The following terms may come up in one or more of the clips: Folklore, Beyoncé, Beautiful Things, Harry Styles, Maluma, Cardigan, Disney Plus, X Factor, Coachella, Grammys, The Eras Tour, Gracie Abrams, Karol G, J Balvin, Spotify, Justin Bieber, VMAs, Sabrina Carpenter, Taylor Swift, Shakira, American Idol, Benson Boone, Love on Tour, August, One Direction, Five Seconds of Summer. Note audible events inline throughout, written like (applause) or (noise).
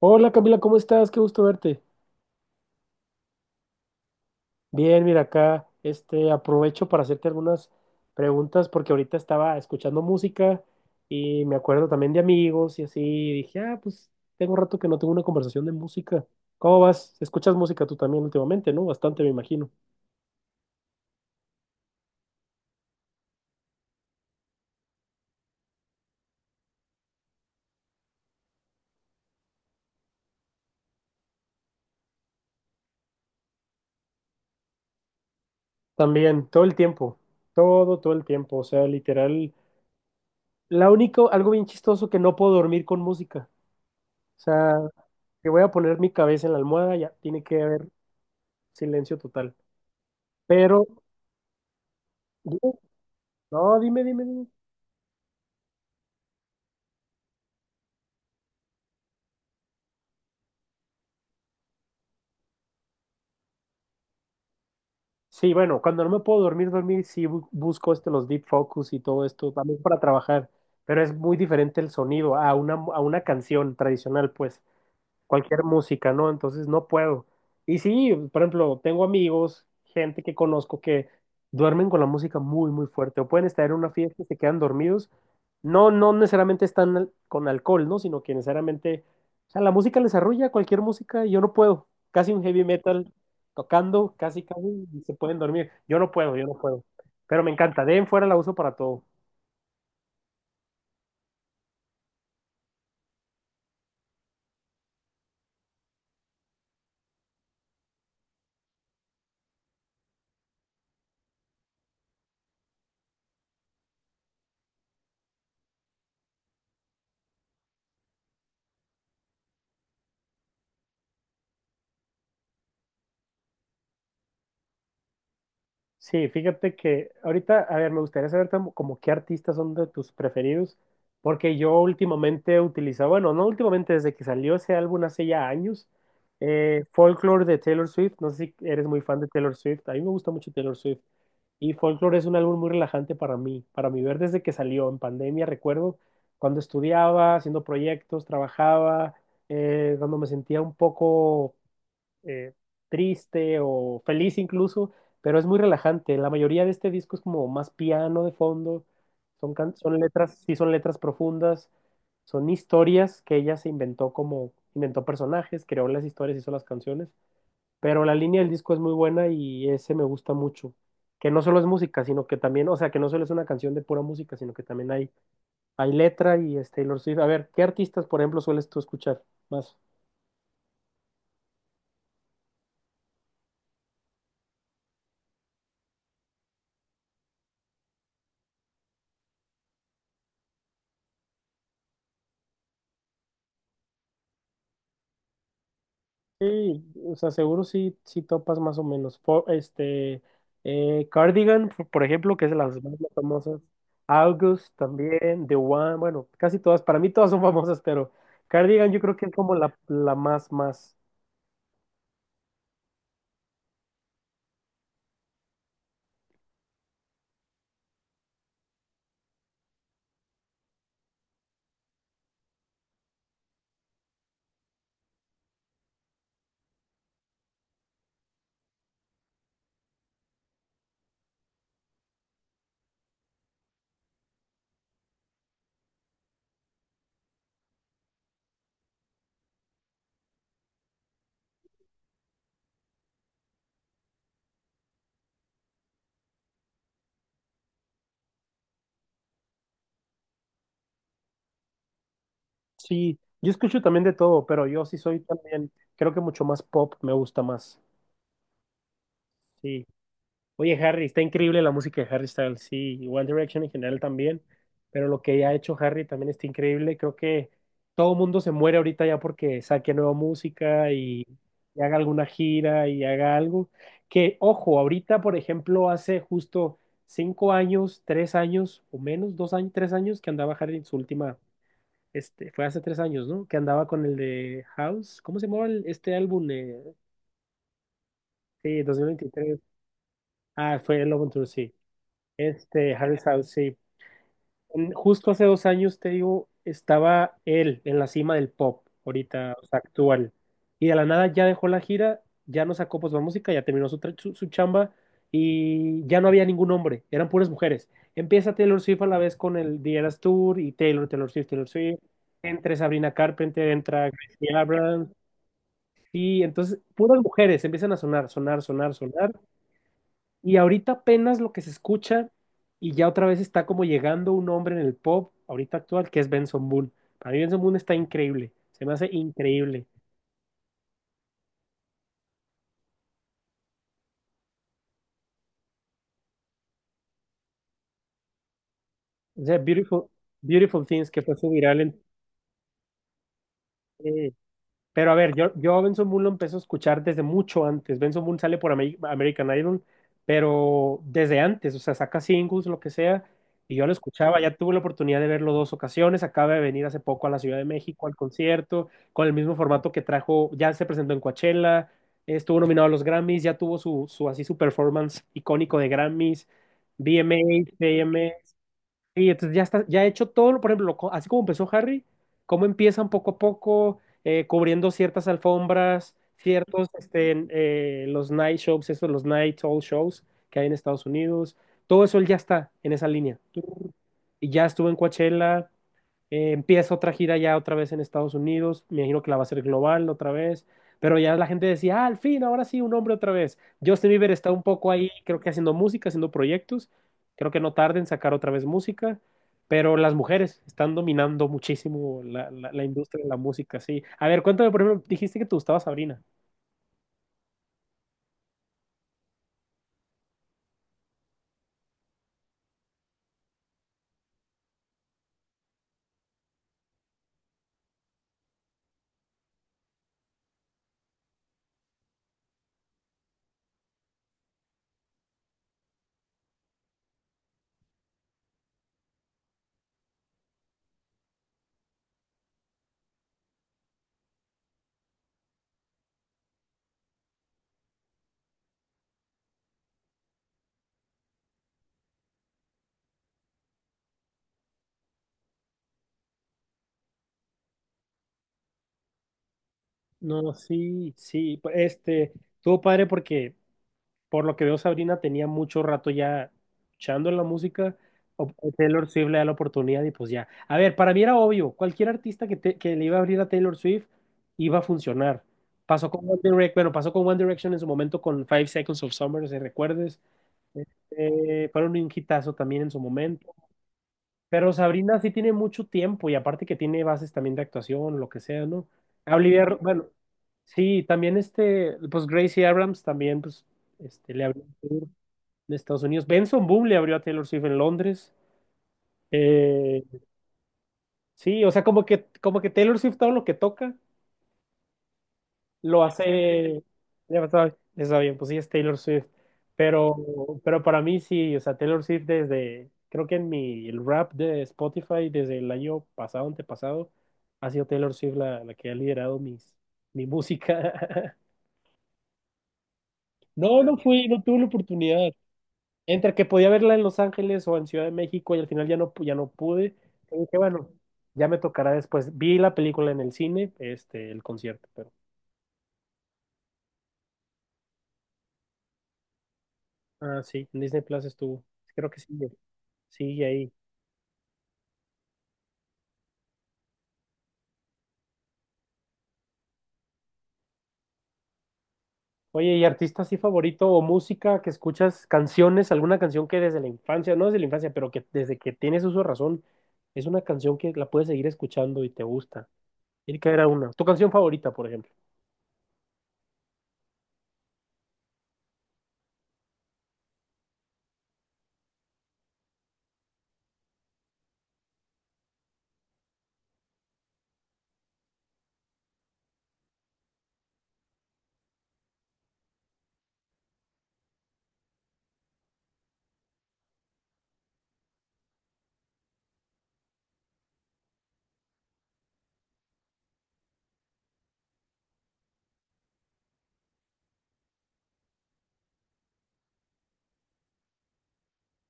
Hola Camila, ¿cómo estás? Qué gusto verte. Bien, mira acá, aprovecho para hacerte algunas preguntas porque ahorita estaba escuchando música y me acuerdo también de amigos y así, y dije, pues tengo rato que no tengo una conversación de música. ¿Cómo vas? ¿Escuchas música tú también últimamente, no? Bastante, me imagino. También, todo el tiempo, todo el tiempo, o sea, literal, la único, algo bien chistoso que no puedo dormir con música. O sea, que voy a poner mi cabeza en la almohada, ya tiene que haber silencio total. Pero dime. No, dime, dime, dime. Sí, bueno, cuando no me puedo dormir, sí busco los deep focus y todo esto también para trabajar, pero es muy diferente el sonido a a una canción tradicional, pues. Cualquier música, ¿no? Entonces no puedo. Y sí, por ejemplo, tengo amigos, gente que conozco que duermen con la música muy, muy fuerte, o pueden estar en una fiesta y se quedan dormidos. No, no necesariamente están con alcohol, ¿no? Sino que necesariamente, o sea, la música les arrulla cualquier música y yo no puedo. Casi un heavy metal tocando, casi, casi, y se pueden dormir. Yo no puedo, yo no puedo. Pero me encanta, de ahí en fuera la uso para todo. Sí, fíjate que ahorita, a ver, me gustaría saber como qué artistas son de tus preferidos, porque yo últimamente he utilizado, bueno, no últimamente, desde que salió ese álbum hace ya años, Folklore de Taylor Swift, no sé si eres muy fan de Taylor Swift, a mí me gusta mucho Taylor Swift, y Folklore es un álbum muy relajante para mí, para mi ver desde que salió en pandemia, recuerdo cuando estudiaba, haciendo proyectos, trabajaba, cuando me sentía un poco eh, triste o feliz incluso, pero es muy relajante. La mayoría de este disco es como más piano de fondo, son letras, sí son letras profundas, son historias que ella se inventó como, inventó personajes, creó las historias, hizo las canciones, pero la línea del disco es muy buena y ese me gusta mucho. Que no solo es música, sino que también, o sea, que no solo es una canción de pura música, sino que también hay letra y es Taylor Swift. A ver, ¿qué artistas, por ejemplo, sueles tú escuchar más? Sí, o sea, seguro sí, sí topas más o menos. Cardigan, por ejemplo, que es de las más famosas. August también, The One, bueno, casi todas, para mí todas son (laughs) famosas, pero Cardigan yo creo que es como la más, más. Sí, yo escucho también de todo, pero yo sí soy también, creo que mucho más pop, me gusta más. Sí. Oye, Harry, está increíble la música de Harry Styles, sí, y One Direction en general también, pero lo que ha hecho Harry también está increíble. Creo que todo el mundo se muere ahorita ya porque saque nueva música y haga alguna gira y haga algo. Que, ojo, ahorita, por ejemplo, hace justo cinco años, tres años o menos, dos años, tres años que andaba Harry en su última, fue hace tres años, ¿no? Que andaba con el de House, ¿cómo se llamaba este álbum? Sí, 2023. Ah, fue el Love on Tour, sí. Este, Harry Styles, sí. Mm, justo hace dos años, te digo, estaba él en la cima del pop, ahorita, o sea, actual. Y de la nada ya dejó la gira, ya no sacó pues la música, ya terminó su chamba y ya no había ningún hombre, eran puras mujeres. Empieza Taylor Swift a la vez con el The Eras Tour y Taylor, Taylor Swift, Taylor Swift. Entre Sabrina Carpenter, entra Gracie Abrams. Y entonces puras mujeres empiezan a sonar, sonar, sonar, sonar. Y ahorita apenas lo que se escucha y ya otra vez está como llegando un hombre en el pop ahorita actual que es Benson Boone. Para mí Benson Boone está increíble, se me hace increíble. O sea, Beautiful Things que fue su viral en... eh, Pero a ver, yo a Benson Moon lo empecé a escuchar desde mucho antes. Benson Moon sale por American Idol, pero desde antes, o sea, saca singles, lo que sea, y yo lo escuchaba. Ya tuve la oportunidad de verlo dos ocasiones. Acaba de venir hace poco a la Ciudad de México al concierto, con el mismo formato que trajo, ya se presentó en Coachella, estuvo nominado a los Grammys, ya tuvo su, su así su performance icónico de Grammys, VMAs. Sí, entonces ya está, ya he hecho todo, por ejemplo, así como empezó Harry, cómo empiezan poco a poco, cubriendo ciertas alfombras, ciertos, los night shows, esos, los night all shows que hay en Estados Unidos, todo eso él ya está en esa línea. Y ya estuvo en Coachella, empieza otra gira ya otra vez en Estados Unidos, me imagino que la va a hacer global otra vez, pero ya la gente decía, ah, al fin, ahora sí, un hombre otra vez. Justin Bieber está un poco ahí, creo que haciendo música, haciendo proyectos, creo que no tarda en sacar otra vez música, pero las mujeres están dominando muchísimo la industria de la música, sí. A ver, cuéntame, por ejemplo, dijiste que te gustaba Sabrina. No, sí, sí, pues, este, estuvo padre porque por lo que veo, Sabrina tenía mucho rato ya echando en la música. O Taylor Swift le da la oportunidad y pues ya. A ver, para mí era obvio, cualquier artista que le iba a abrir a Taylor Swift iba a funcionar. Pasó con One Direction, bueno, pasó con One Direction en su momento con Five Seconds of Summer, si recuerdes. Este, fueron un hitazo también en su momento. Pero Sabrina sí tiene mucho tiempo y aparte que tiene bases también de actuación, lo que sea, ¿no? Olivia, bueno, sí, también pues Gracie Abrams también, pues, le abrió en Estados Unidos. Benson Boom le abrió a Taylor Swift en Londres. Eh, sí, o sea, como que Taylor Swift todo lo que toca lo hace. Ya está, está bien, pues sí es Taylor Swift. Pero, pero para mí sí, o sea, Taylor Swift desde, creo que en mi el rap de Spotify desde el año pasado, antepasado, ha sido Taylor Swift la que ha liderado mi música. (laughs) No, no fui, no tuve la oportunidad. Entre que podía verla en Los Ángeles o en Ciudad de México y al final ya no, ya no pude. Y dije, bueno, ya me tocará después. Vi la película en el cine, el concierto, pero. Ah, sí, en Disney Plus estuvo. Creo que sigue, sigue ahí. Oye, ¿y artista así favorito o música que escuchas, canciones, alguna canción que desde la infancia, no desde la infancia, pero que desde que tienes uso de razón, es una canción que la puedes seguir escuchando y te gusta? Tiene que haber una. ¿Tu canción favorita, por ejemplo?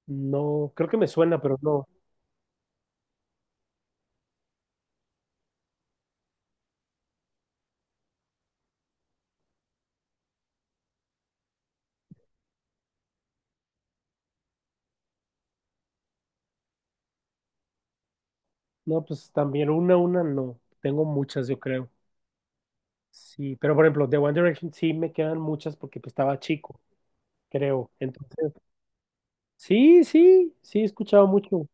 No, creo que me suena, pero no. No, pues también una no. Tengo muchas, yo creo. Sí, pero por ejemplo, de One Direction sí me quedan muchas porque pues, estaba chico, creo. Entonces, sí, sí, sí, he escuchado mucho.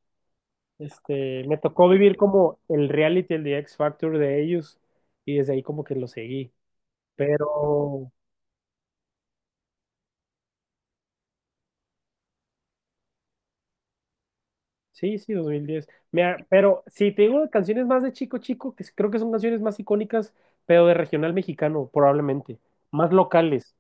Este, me tocó vivir como el reality, el de X Factor de ellos y desde ahí como que lo seguí. Pero sí, sí, 2010. Mira, pero si te digo canciones más de Chico Chico, creo que son canciones más icónicas, pero de regional mexicano, probablemente, más locales,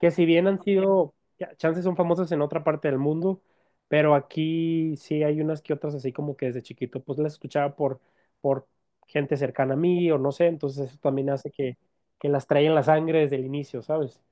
que si bien han sido, ya, chances son famosas en otra parte del mundo, pero aquí sí hay unas que otras así como que desde chiquito, pues las escuchaba por gente cercana a mí o no sé, entonces eso también hace que las trae en la sangre desde el inicio, ¿sabes?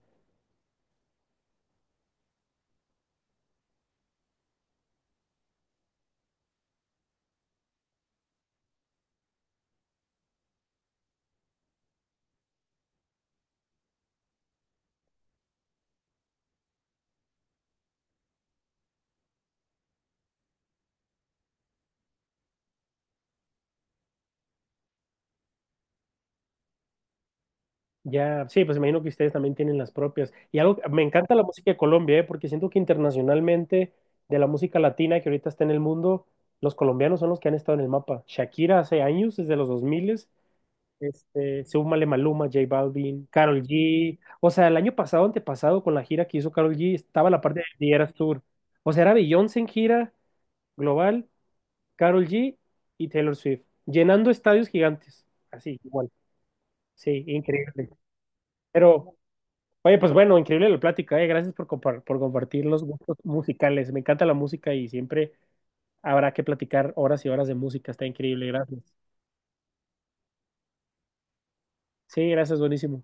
Ya, sí, pues imagino que ustedes también tienen las propias. Y algo, me encanta la música de Colombia, ¿eh? Porque siento que internacionalmente, de la música latina que ahorita está en el mundo, los colombianos son los que han estado en el mapa. Shakira hace años, desde los 2000, súmale Maluma, J Balvin, Karol G. O sea, el año pasado, antepasado, con la gira que hizo Karol G, estaba la parte de Eras Tour. O sea, era Beyoncé en gira global, Karol G y Taylor Swift, llenando estadios gigantes. Así, igual. Sí, increíble. Pero... Oye, pues bueno, increíble la plática, eh. Gracias por por compartir los gustos musicales. Me encanta la música y siempre habrá que platicar horas y horas de música. Está increíble, gracias. Sí, gracias, buenísimo.